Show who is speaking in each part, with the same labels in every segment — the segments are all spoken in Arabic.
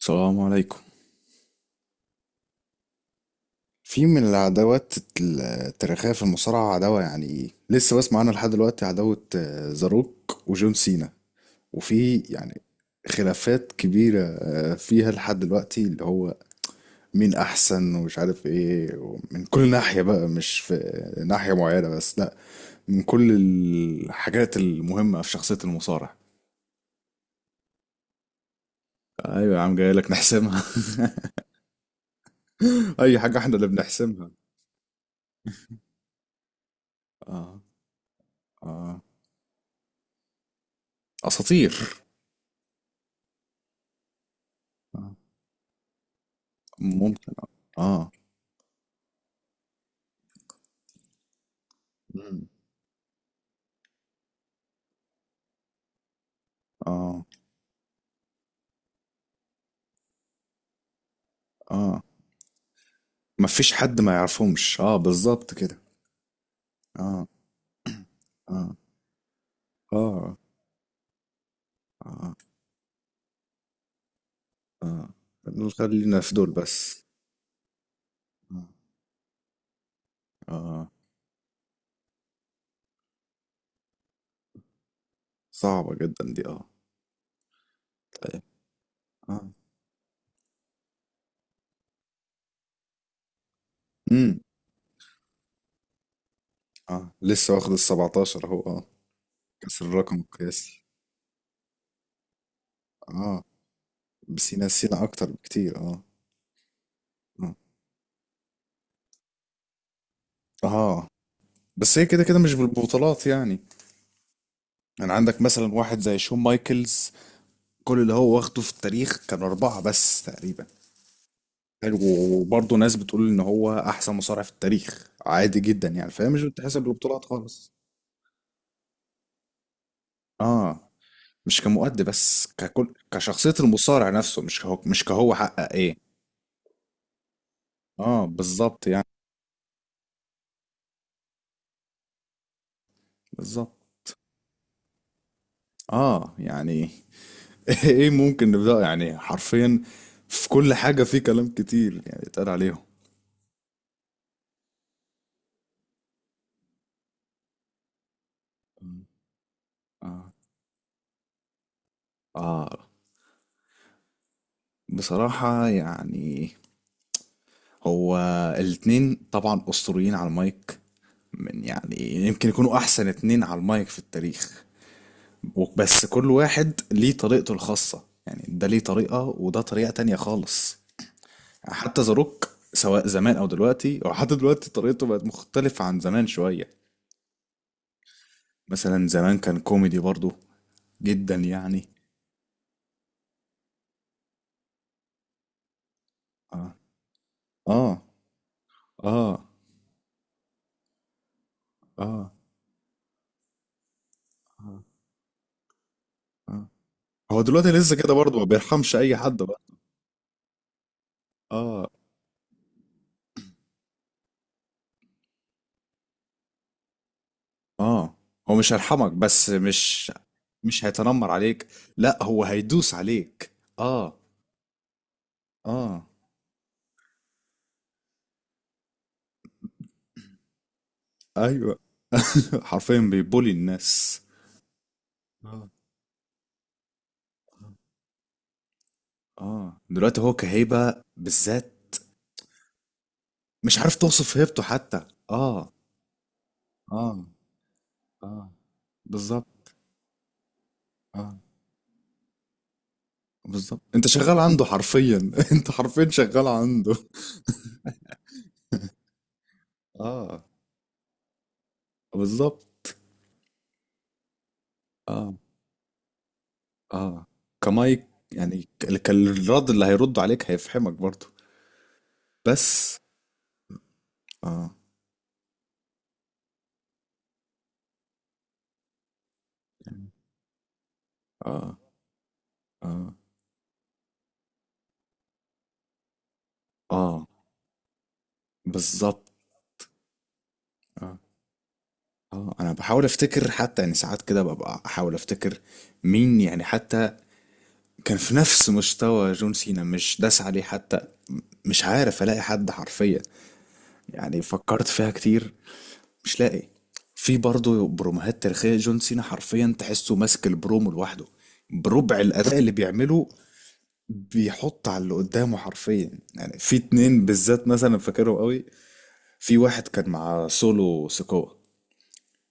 Speaker 1: السلام عليكم. في من العداوات التاريخية في المصارعة عداوة لسه بسمع عنها لحد دلوقتي، عداوة زاروك وجون سينا، وفي خلافات كبيرة فيها لحد دلوقتي، اللي هو مين أحسن ومش عارف إيه، من كل ناحية بقى، مش في ناحية معينة بس، لأ، من كل الحاجات المهمة في شخصية المصارع. ايوه يا عم، جاي لك نحسمها. أي حاجة إحنا اللي بنحسمها. اه. اه، اساطير. آه. ممكن. اه. مم. اه. اه، مفيش حد ما يعرفهمش، اه بالظبط كده. اه. اه. اه. اه. اه، خلينا في دول بس. اه. آه. صعبة جدا دي، اه. طيب. اه. امم. اه، لسه واخد ال 17 اهو، اه، كسر الرقم القياسي. اه، بس نسينا اكتر بكتير، اه. اه. آه. بس هي كده كده مش بالبطولات يعني. يعني عندك مثلا واحد زي شون مايكلز، كل اللي هو واخده في التاريخ كان أربعة بس تقريبا. حلو، وبرضه ناس بتقول ان هو احسن مصارع في التاريخ عادي جدا، يعني فهي مش بتحسب البطولات خالص. اه، مش كمؤدي بس، ككل، كشخصية المصارع نفسه، مش كهو، مش كهو حقق ايه. اه بالظبط يعني. بالظبط اه. يعني ايه ممكن نبدأ يعني حرفيا في كل حاجة، في كلام كتير يعني اتقال عليهم. اه. اه. بصراحة يعني، هو الاتنين طبعا أسطوريين على المايك، من يعني يمكن يكونوا احسن اتنين على المايك في التاريخ. بس كل واحد ليه طريقته الخاصة، يعني ده ليه طريقة وده طريقة تانية خالص. حتى ذا روك، سواء زمان او دلوقتي، او حتى دلوقتي طريقته بقت مختلفة عن زمان شوية. مثلا زمان كان كوميدي برضو جدا يعني. اه. اه. اه. اه. آه. هو دلوقتي لسه كده برضو، ما بيرحمش اي حد بقى. اه. اه، هو مش هيرحمك، بس مش هيتنمر عليك، لا هو هيدوس عليك. اه. اه. ايوه. حرفيا بيبولي الناس. اه. اه دلوقتي هو كهيبة بالذات. مش عارف توصف هيبته حتى، اه. اه. اه بالظبط. اه بالظبط، انت شغال عنده حرفيا. انت حرفيا شغال عنده. اه بالظبط. اه. اه، كمايك يعني، كالرد اللي هيرد عليك هيفهمك برضه. بس. اه. اه. اه. اه بالظبط. اه. اه، انا بحاول افتكر حتى، يعني ساعات كده ببقى احاول افتكر مين يعني حتى كان في نفس مستوى جون سينا مش داس عليه حتى. م- مش عارف الاقي حد حرفيا. يعني فكرت فيها كتير، مش لاقي. في برضه بروموهات تاريخية جون سينا حرفيا تحسه ماسك البرومو لوحده بربع الأداء اللي بيعمله، بيحط على اللي قدامه حرفيا. يعني في اتنين بالذات مثلا فاكرهم قوي. في واحد كان مع سولو سكوا،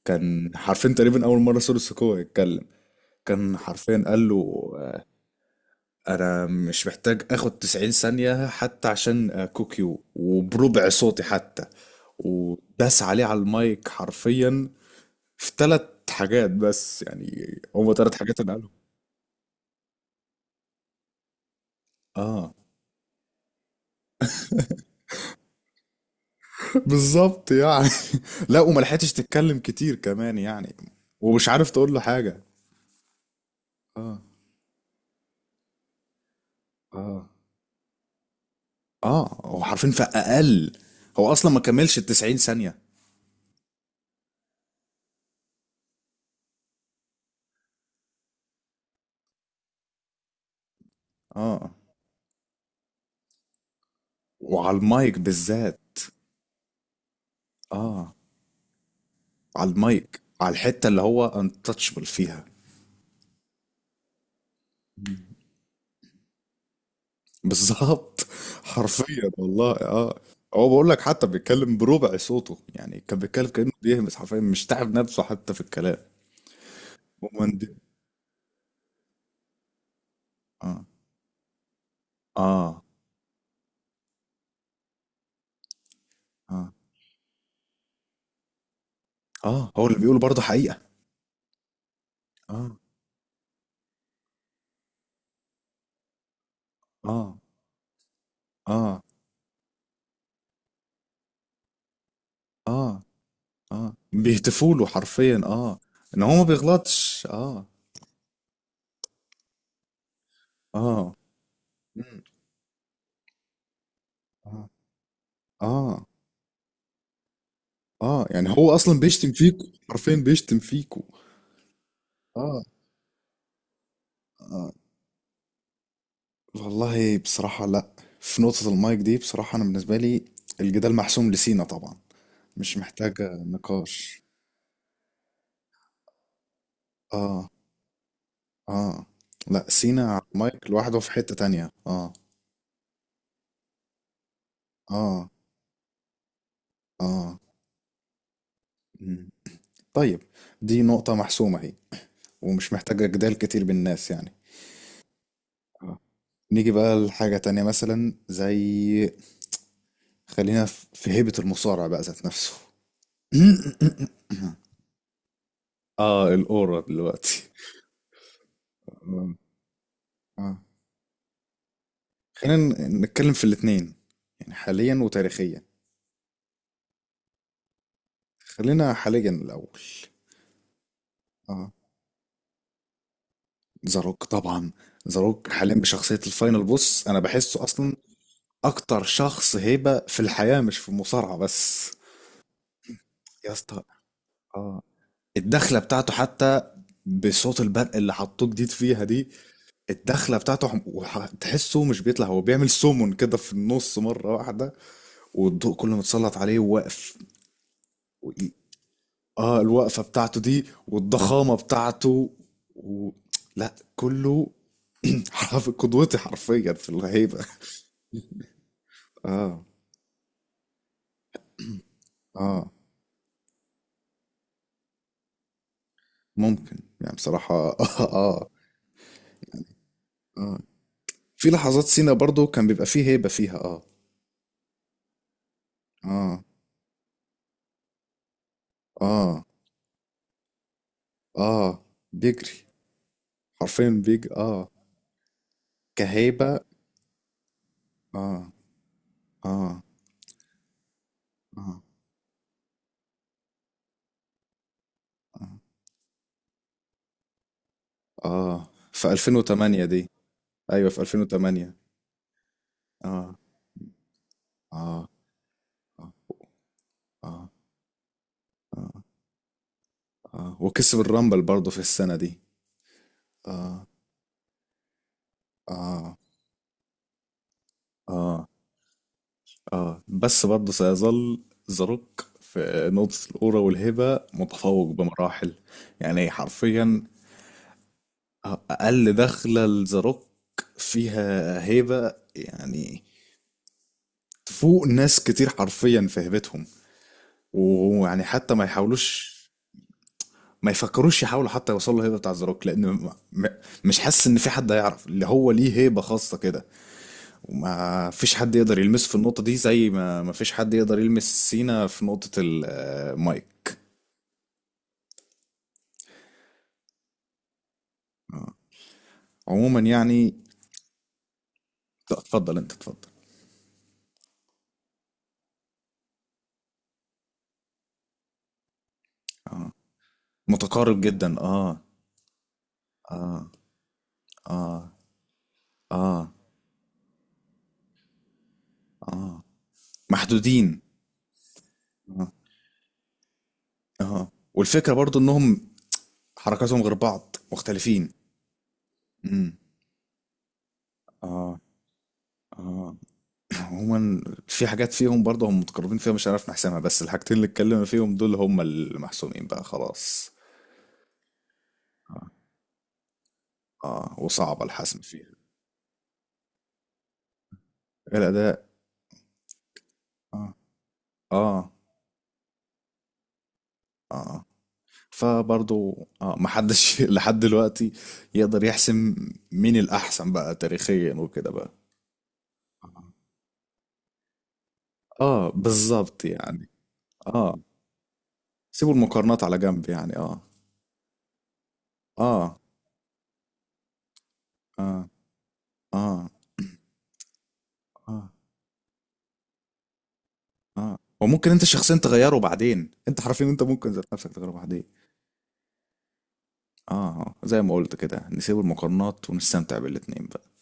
Speaker 1: كان حرفيا تقريبا اول مره سولو سكوا يتكلم، كان حرفيا قال له انا مش محتاج اخد 90 ثانيه حتى عشان كوكيو، وبربع صوتي حتى، وداس عليه على المايك حرفيا في ثلاث حاجات بس يعني. هما ثلاث حاجات انا قالهم. اه. بالظبط يعني. لا، وما لحقتش تتكلم كتير كمان يعني. ومش عارف تقول له حاجه. اه. اه. اه، هو حرفيا في اقل، هو اصلا ما كملش ال 90 ثانية. اه. وعلى المايك بالذات. اه، على المايك على الحتة اللي هو untouchable فيها. بالظبط. حرفيا والله، اه. هو بقول لك حتى بيتكلم بربع صوته، يعني كان بيتكلم كأنه بيهمس حرفيا، مش تعب نفسه حتى في الكلام. ومن دي. اه. اه. اه. اه. هو اللي بيقوله برضه حقيقة. اه. اه. اه. اه. اه، بيهتفوا له حرفيا، اه، ان هو ما بيغلطش، اه. اه. مم. اه. اه. اه. يعني هو اصلا بيشتم فيكو، حرفيا بيشتم فيكو. اه. اه. والله بصراحة لا، في نقطة المايك دي بصراحة انا بالنسبة لي الجدال محسوم لسينا طبعا. مش محتاجة نقاش. اه. اه. لا سينا على المايك لوحده في حتة تانية، اه. اه. اه. مم. طيب، دي نقطة محسومة اهي، ومش محتاجة جدال كتير بالناس يعني. آه. نيجي بقى لحاجة تانية مثلا زي، خلينا في هيبة المصارع بقى ذات نفسه. اه الأورا دلوقتي. آه. آه. خلينا نتكلم في الاتنين، يعني حاليا وتاريخيا. خلينا حاليا الأول. اه، زاروك طبعا. زاروك حاليا بشخصية الفاينل بوس أنا بحسه أصلا أكتر شخص هيبة في الحياة، مش في المصارعة بس. يا اسطى. اه. الدخلة بتاعته حتى، بصوت البرق اللي حطوه جديد فيها دي، الدخله بتاعته تحسه مش بيطلع، هو بيعمل سمون كده في النص مره واحده، والضوء كله متسلط عليه وواقف و- اه الوقفه بتاعته دي والضخامه بتاعته و... لا، كله حرف قدوتي حرفيا في الهيبه. اه. اه. ممكن يعني بصراحه، اه، آه. في لحظات سينا برضو كان بيبقى فيه هيبه فيها، اه. اه. اه. اه، بيجري، حرفيا بيجري، اه، كهيبه. اه. اه. اه. آه. آه. في 2008 دي. أيوة في 2008. آه. آه. آه. آه آه, آه. وكسب الرامبل برضه في السنة دي. آه. آه. آه. آه، بس برضه سيظل ذا روك في نقطة الأورا والهبة متفوق بمراحل. يعني حرفيا أقل دخلة لذا روك فيها هيبة، يعني تفوق ناس كتير حرفيا في هيبتهم، ويعني حتى ما يحاولوش، ما يفكروش يحاولوا حتى يوصلوا الهيبه بتاع زاروك، لان مش حاسس ان في حد هيعرف اللي هو ليه هيبه خاصه كده، وما فيش حد يقدر يلمسه في النقطه دي، زي ما ما فيش حد يقدر يلمس سينا في نقطه المايك. آه. عموما يعني، اتفضل انت، اتفضل. متقارب جدا اه. اه. اه. اه. اه، محدودين. اه. اه، والفكره برضو انهم حركاتهم غير بعض، مختلفين. امم. اه. اه. عموما في حاجات فيهم برضه هم متقربين فيها مش هنعرف نحسمها، بس الحاجتين اللي اتكلمنا فيهم دول هم المحسومين بقى خلاص. آه. اه، وصعب الحسم فيها. الأداء. اه. اه. اه. فبرضه اه محدش لحد دلوقتي يقدر يحسم مين الأحسن بقى تاريخيا وكده بقى. اه بالظبط يعني. اه، سيبوا المقارنات على جنب يعني، اه. اه. اه. اه. اه. اه، وممكن انت شخصيا تغيره بعدين، انت حرفيا، انت ممكن ذات نفسك تغيره بعدين. اه. آه، زي ما قلت كده نسيب المقارنات ونستمتع بالاتنين بقى.